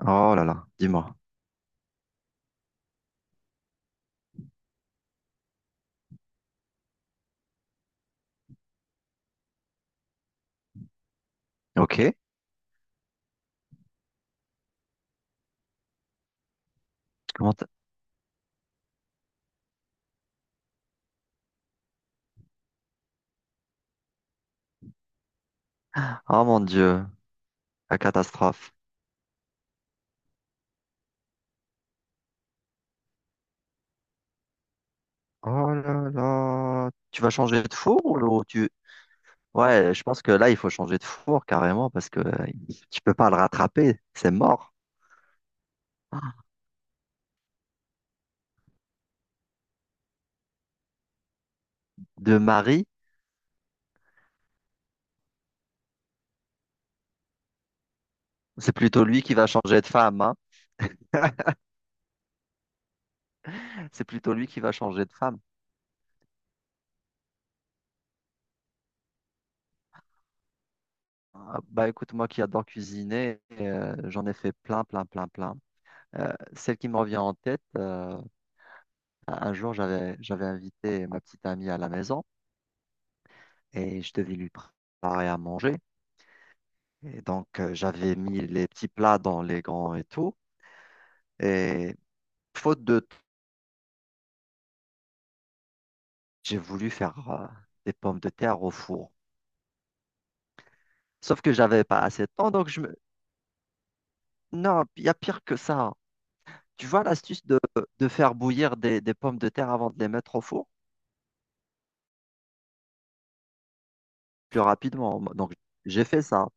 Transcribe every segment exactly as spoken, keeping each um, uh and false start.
Oh là là, dis-moi. Ok. Comment t- Ah mon Dieu, la catastrophe. Oh là là, tu vas changer de four ou le- tu... Ouais, je pense que là, il faut changer de four carrément parce que euh, tu peux pas le rattraper, c'est mort. De mari, c'est plutôt lui qui va changer de femme, hein. C'est plutôt lui qui va changer de femme. Ah, bah écoute, moi qui adore cuisiner, euh, j'en ai fait plein, plein, plein, plein. Euh, celle qui me revient en tête, euh, un jour, j'avais, j'avais invité ma petite amie à la maison, et je devais lui préparer à manger. Et donc, euh, j'avais mis les petits plats dans les grands et tout. Et faute de temps, j'ai voulu faire euh, des pommes de terre au four. Sauf que j'avais pas assez de temps, donc je me... Non, il y a pire que ça, hein. Tu vois l'astuce de, de faire bouillir des, des pommes de terre avant de les mettre au four plus rapidement. Donc, j'ai fait ça.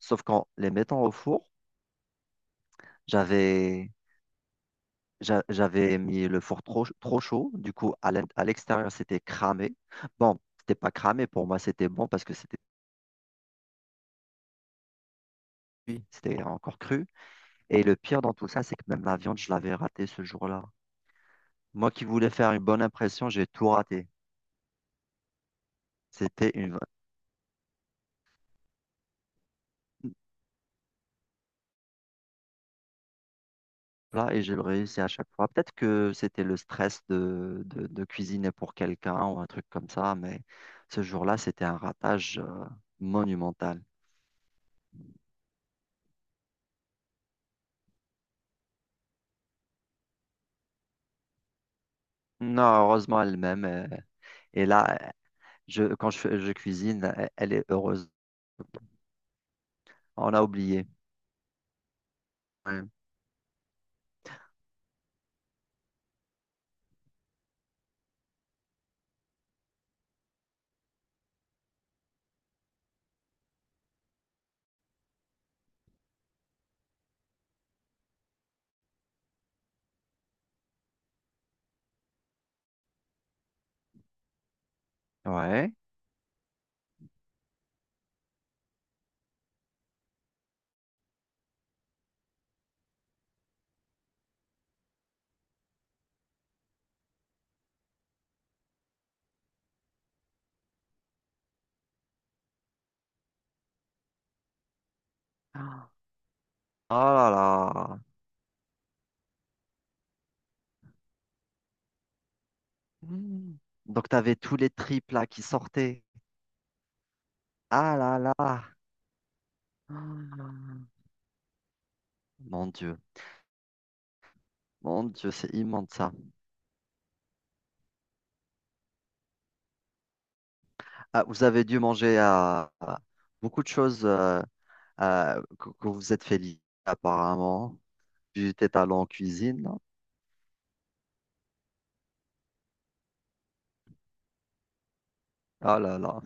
Sauf qu'en les mettant au four, j'avais j'a- J'avais mis le four trop, trop chaud, du coup à l'int- à l'extérieur c'était cramé. Bon, c'était pas cramé, pour moi c'était bon parce que c'était cuit, c'était encore cru. Et le pire dans tout ça, c'est que même la viande, je l'avais ratée ce jour-là. Moi qui voulais faire une bonne impression, j'ai tout raté. C'était une vraie- là et j'ai le réussi à chaque fois. Peut-être que c'était le stress de, de, de cuisiner pour quelqu'un ou un truc comme ça, mais ce jour-là, c'était un ratage euh, monumental. Non, heureusement elle-même, euh, et là, Je, quand je, fais- je cuisine, elle, elle est heureuse. On a oublié. Ouais. Ouais. Ah. Ah là là. Mm. Donc, tu avais tous les triples là qui sortaient. Ah là là. Ah. Mon Dieu. Mon Dieu, c'est immonde ça. Ah, vous avez dû manger à, beaucoup de choses euh, euh, que, que vous vous êtes fait livrer, apparemment. Tu étais allé en cuisine, non. Ah là là.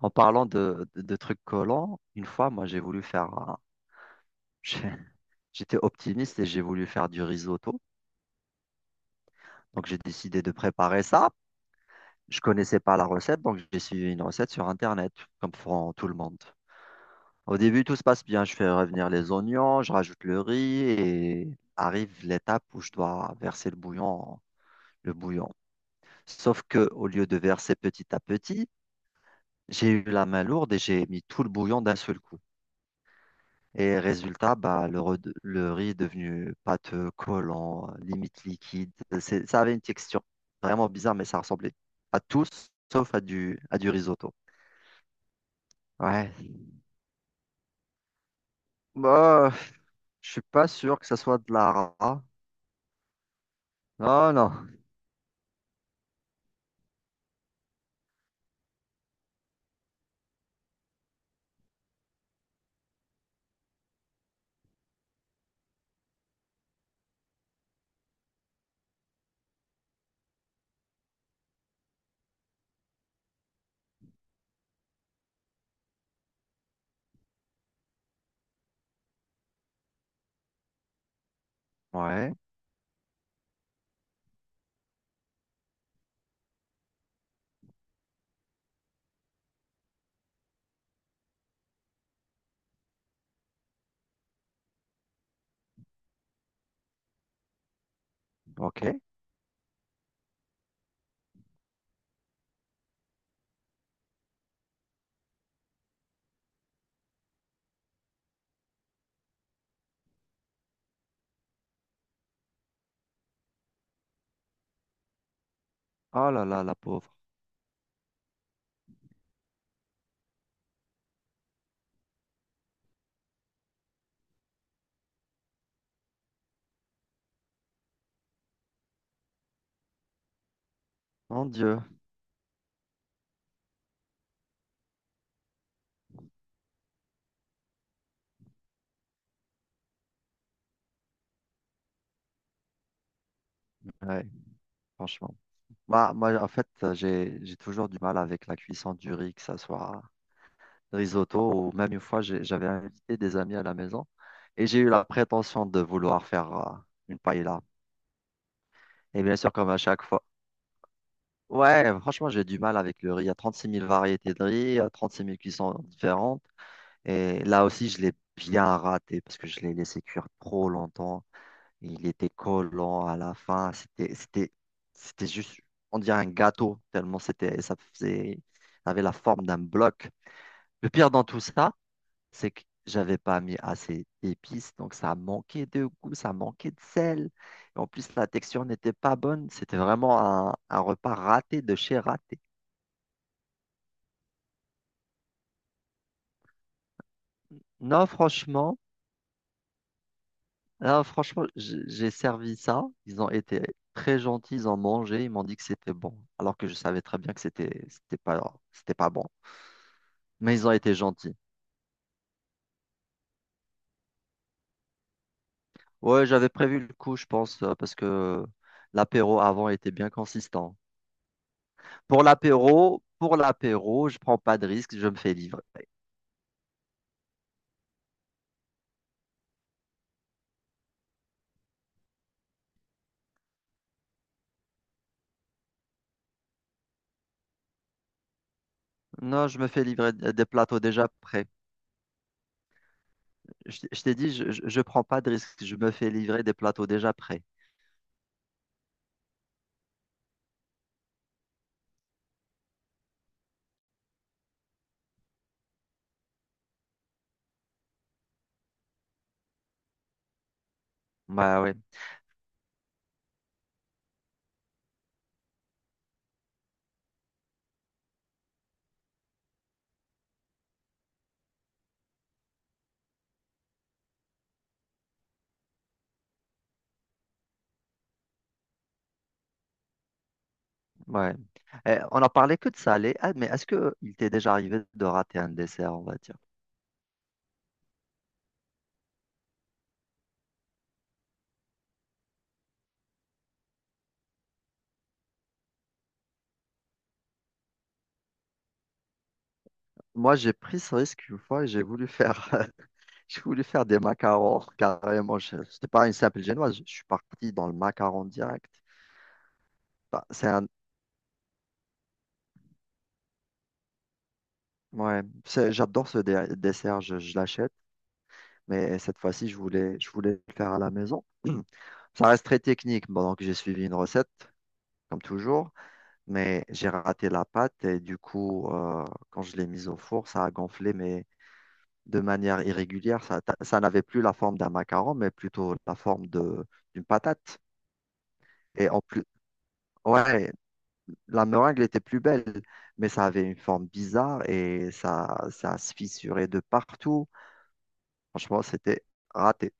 En parlant de, de, de trucs collants, une fois, moi, j'ai voulu faire un- j'ai- J'étais optimiste et j'ai voulu faire du risotto. Donc, j'ai décidé de préparer ça. Je connaissais pas la recette, donc j'ai suivi une recette sur Internet, comme font tout le monde. Au début, tout se passe bien. Je fais revenir les oignons, je rajoute le riz et arrive l'étape où je dois verser le bouillon, le bouillon Sauf que au lieu de verser petit à petit, j'ai eu la main lourde et j'ai mis tout le bouillon d'un seul coup. Et résultat, bah, le, re- le riz est devenu pâteux, collant, limite liquide. C'est- ça avait une texture vraiment bizarre, mais ça ressemblait à tout sauf à du, à du risotto. Ouais. Bah, je suis pas sûr que ça soit de la rat. Non, non. Ouais, ok. Oh là là, la pauvre. Mon Dieu. Ouais, franchement. Bah, moi, en fait, j'ai, j'ai toujours du mal avec la cuisson du riz, que ça soit risotto, ou même une fois, j'ai- j'avais invité des amis à la maison et j'ai eu la prétention de vouloir faire euh, une paella. Et bien sûr, comme à chaque fois. Ouais, franchement, j'ai du mal avec le riz. Il y a trente six mille variétés de riz, il y a trente-six mille cuissons différentes. Et là aussi, je l'ai bien raté parce que je l'ai laissé cuire trop longtemps. Il était collant à la fin. C'était, c'était, c'était juste, on dirait un gâteau, tellement c'était, ça faisait, ça avait la forme d'un bloc. Le pire dans tout ça, c'est que j'avais pas mis assez d'épices, donc ça manquait de goût, ça manquait de sel. Et en plus, la texture n'était pas bonne. C'était vraiment un, un repas raté de chez raté. Non, franchement, là, franchement, j- j'ai servi ça. Ils ont été très gentils, ils ont mangé, ils m'ont dit que c'était bon, alors que je savais très bien que c'était, c'était pas, c'était pas bon. Mais ils ont été gentils. Ouais, j'avais prévu le coup, je pense, euh, parce que l'apéro avant était bien consistant. Pour l'apéro, pour l'apéro, je prends pas de risque, je me fais livrer. Non, je me fais livrer d- des plateaux déjà prêts. Je, t- je t'ai dit, je, je, je prends pas de risque, je me fais livrer des plateaux déjà prêts. Bah ouais, ouais. Eh, on en parlait que de salé. Ah, mais est-ce que il t'est déjà arrivé de rater un dessert, on va dire? Moi, j'ai pris ce risque une fois et j'ai voulu faire, j'ai voulu faire des macarons carrément. Je- C'était pas une simple génoise, je suis parti dans le macaron direct. Bah, c'est un, ouais, c'est- j'adore ce dé- dessert, je, je l'achète. Mais cette fois-ci, je voulais, je voulais le faire à la maison. Ça reste très technique. Bon, donc, j'ai suivi une recette, comme toujours, mais j'ai raté la pâte et du coup, euh, quand je l'ai mise au four, ça a gonflé, mais de manière irrégulière. Ça, ça n'avait plus la forme d'un macaron, mais plutôt la forme de, d'une patate. Et en plus, ouais, la meringue était plus belle, mais ça avait une forme bizarre et ça, ça se fissurait de partout. Franchement, c'était raté.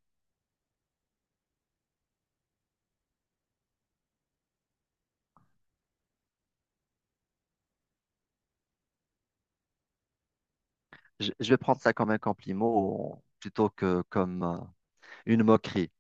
Je, je vais prendre ça comme un compliment plutôt que comme euh, une moquerie.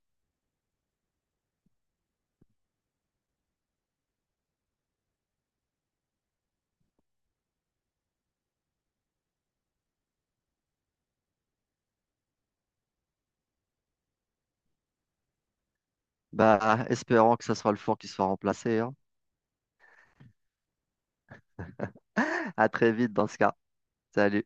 Bah, espérons que ce soit le four qui soit remplacé, hein. À très vite dans ce cas. Salut.